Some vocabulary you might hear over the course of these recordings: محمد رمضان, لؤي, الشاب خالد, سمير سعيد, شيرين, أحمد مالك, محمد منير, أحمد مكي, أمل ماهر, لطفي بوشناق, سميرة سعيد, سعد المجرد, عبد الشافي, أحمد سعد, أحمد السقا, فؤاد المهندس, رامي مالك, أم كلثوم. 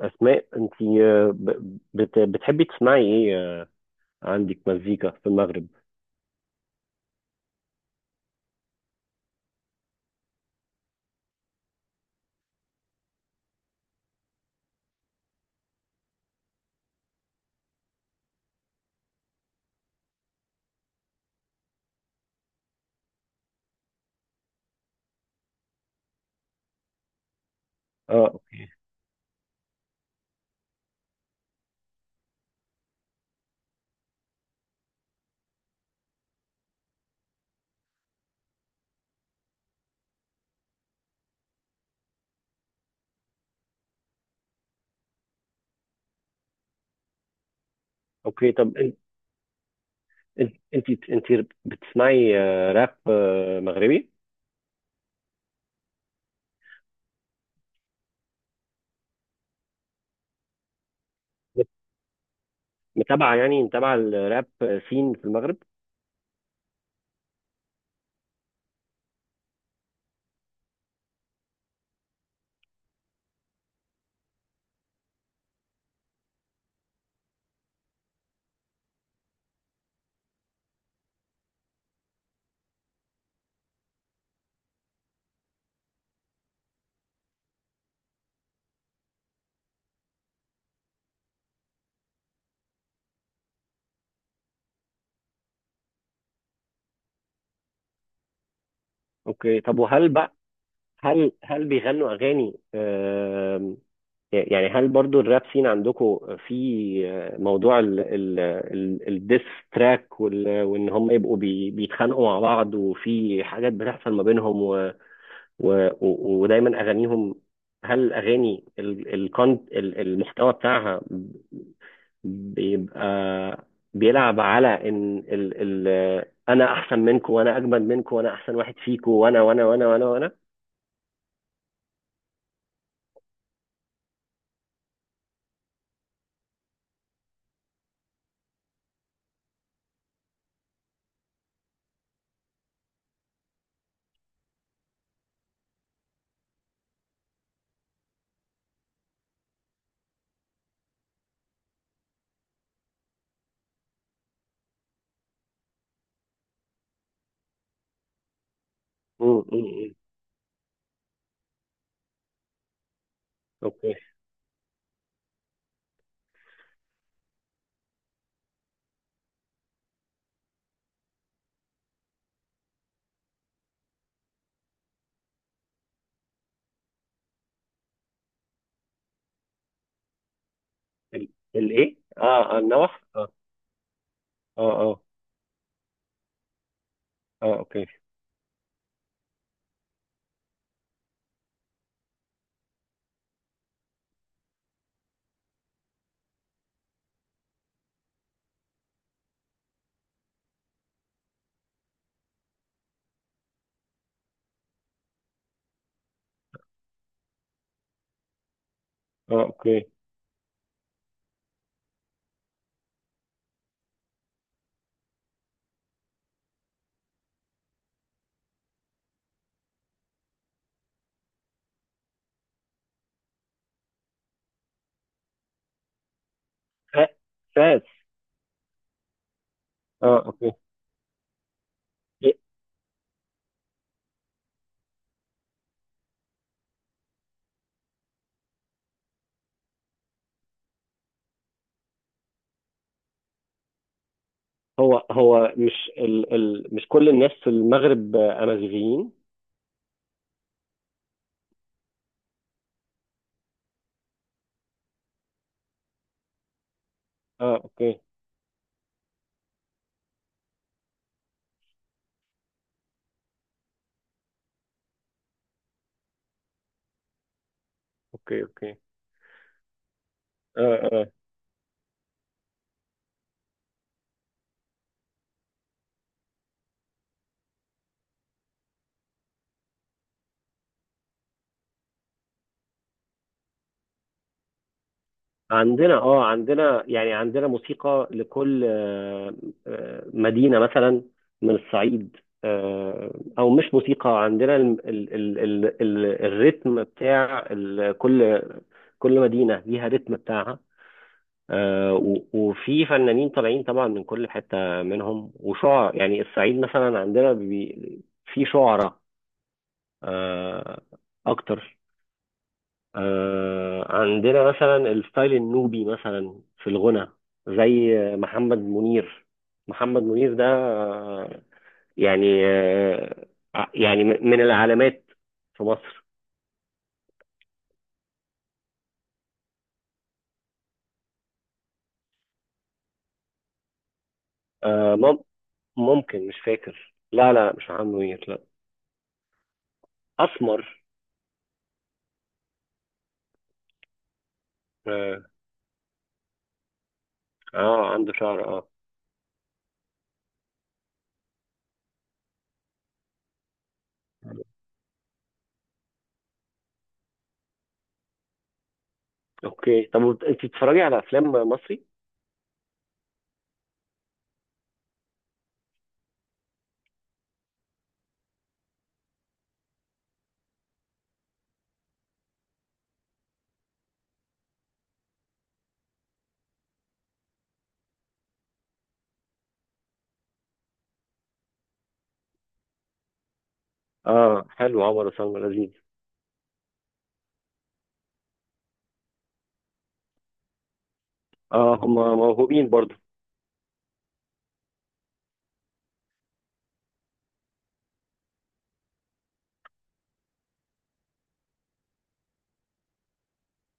أسماء، أنت بتحبي تسمعي إيه؟ عندك مزيكا في المغرب؟ أه. أوكي، طب أنت، أنت أنت بتسمعي راب مغربي؟ بت- متابعة، يعني متابعة الراب سين في المغرب؟ أوكي، طب وهل بقى، هل هل بيغنوا أغاني؟ يعني هل برضو الراب سين عندكم في موضوع الديس تراك، وإن هم يبقوا بيتخانقوا مع بعض، وفي حاجات بتحصل ما بينهم، ودايما اغانيهم، هل الاغاني المحتوى بتاعها بيبقى بيلعب على ان ال ال انا احسن منكم، وانا اجمد منكم، وانا احسن واحد فيكم، وانا وانا وانا وانا وانا؟ مم، مم، مم. اوكي. ال- الايه؟ اه النوح؟ اه، اه. اه، اه اوكي اه اوكي. فا- فاز. اه، اوكي. إيه؟ هو هو مش ال ال مش كل الناس في المغرب امازيغيين؟ اه، اوكي، اوكي. اوكي. اه. آه. عندنا، اه، عندنا، يعني عندنا موسيقى لكل مدينة، مثلا، من الصعيد. آه، او مش موسيقى، عندنا ال ال ال ال ال الريتم بتاع ال كل كل مدينة ليها ريتم بتاعها. وفي فنانين طالعين طبعا من كل حتة منهم، وشعراء، يعني الصعيد مثلا عندنا في شعراء، آه، اكتر. عندنا مثلا الستايل النوبي، مثلا، في الغنى، زي محمد منير. محمد منير ده يعني يعني من العلامات في مصر. آه مم- ممكن، مش فاكر. لا، لا، مش محمد منير. لا، اسمر. اه. عنده شعر. اه، اوكي. طب انت بتتفرجي على افلام مصري؟ اه، حلو. عمر وسلمى لذيذ. اه، هم موهوبين برضه.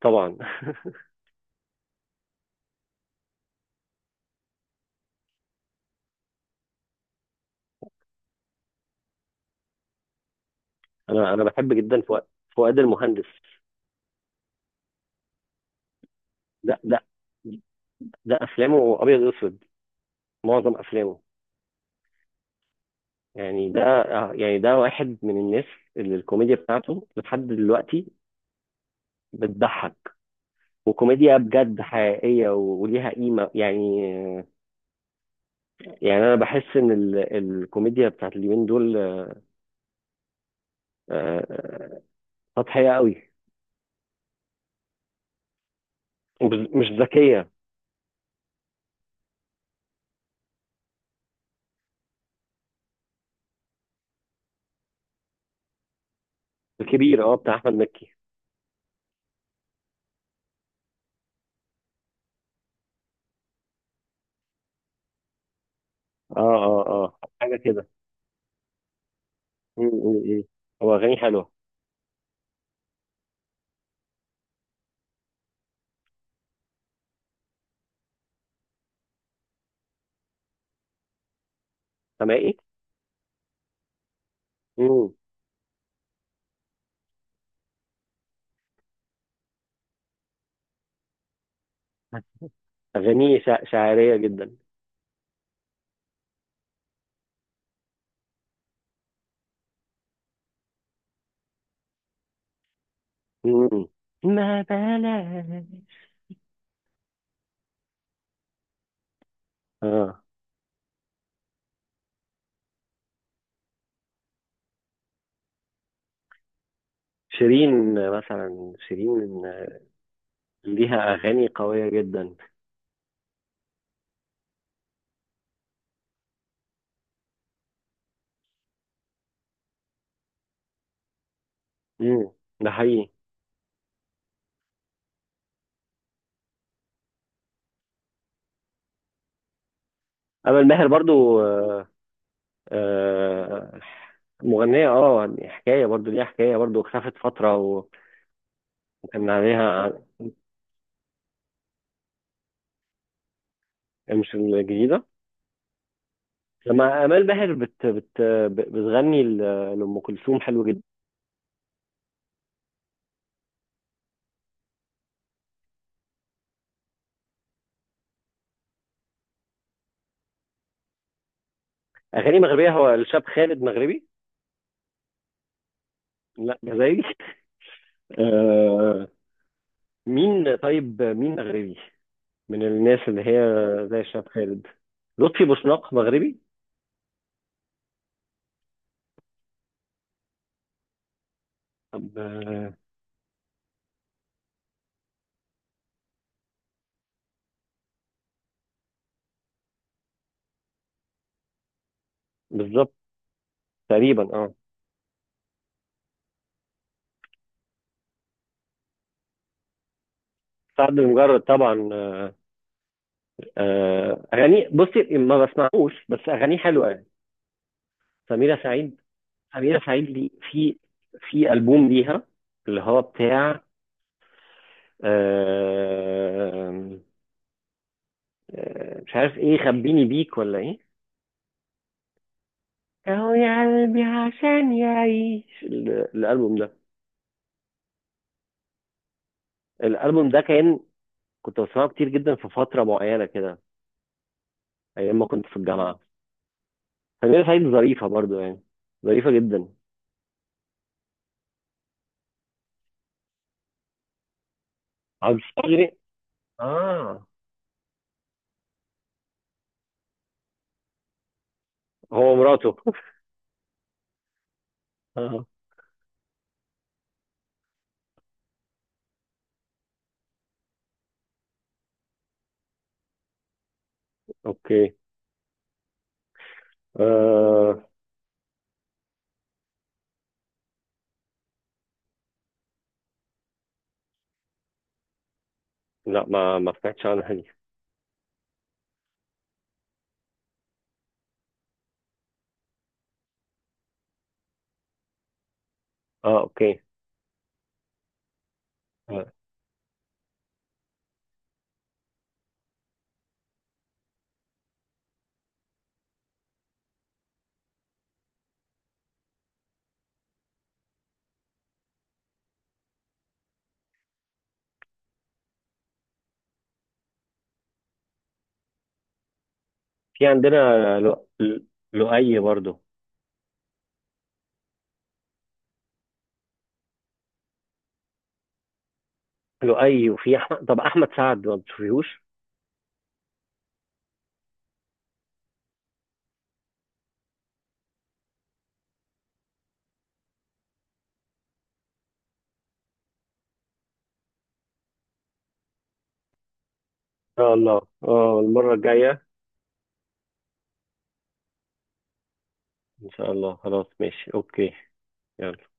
طبعا. انا انا بحب جدا فؤاد. فؤاد المهندس ده ده ده افلامه ابيض واسود، معظم افلامه. يعني ده يعني ده واحد من الناس اللي الكوميديا بتاعته لحد دلوقتي بتضحك، وكوميديا بجد حقيقية وليها قيمة يعني. يعني أنا بحس إن الكوميديا بتاعت اليومين دول آه، سطحية قوي، مش ذكية. الكبير، اه، بتاع أحمد مكي. اه، اه، اه، حاجة كده. م. م. م. هو أغانيه حلوة. سامعي؟ م. أغانيه شعرية جدا. مم. ما بلاش. اه، شيرين مثلا، شيرين ليها اغاني قويه جدا. امم ده حقيقي. امل ماهر برضو، آه، مغنيه. اه يعني حكايه، برضو ليها حكايه، برضو اختفت فتره وكان عليها. مش الجديده. لما امال ماهر بت بت بتغني لام كلثوم، حلو جدا. اغاني مغربيه. هو الشاب خالد مغربي؟ لا، جزائري. آه، طيب، مين مغربي من الناس اللي هي زي الشاب خالد؟ لطفي بوشناق مغربي؟ طب، بالظبط، تقريبا، اه. سعد المجرد، طبعا. اغاني، بصي، ما بسمعوش، بس اغانيه حلوه يعني. سميره سعيد سميره سعيد دي، في في البوم ليها اللي هو بتاع آه، مش عارف ايه، خبيني بيك، ولا ايه، اهو يا قلبي عشان يعيش. الالبوم ده، الالبوم ده كنت بسمعه كتير جدا في فتره معينه كده، ايام ما كنت في الجامعه. سمير سعيد ظريفه برضو، يعني ظريفه جدا. عبد الشافي. اه. هو مراته. اه. اوكي. آه. لا، ما ما سمعتش عنها دي. اه، اوكي. آه. في عندنا، لو... ل- لؤي برضو. لؤي. وفي احمد، طب، احمد سعد ما بتشوفيهوش؟ ان شاء الله، اه، المره الجايه. ان شاء الله، خلاص، ماشي، اوكي. يلا.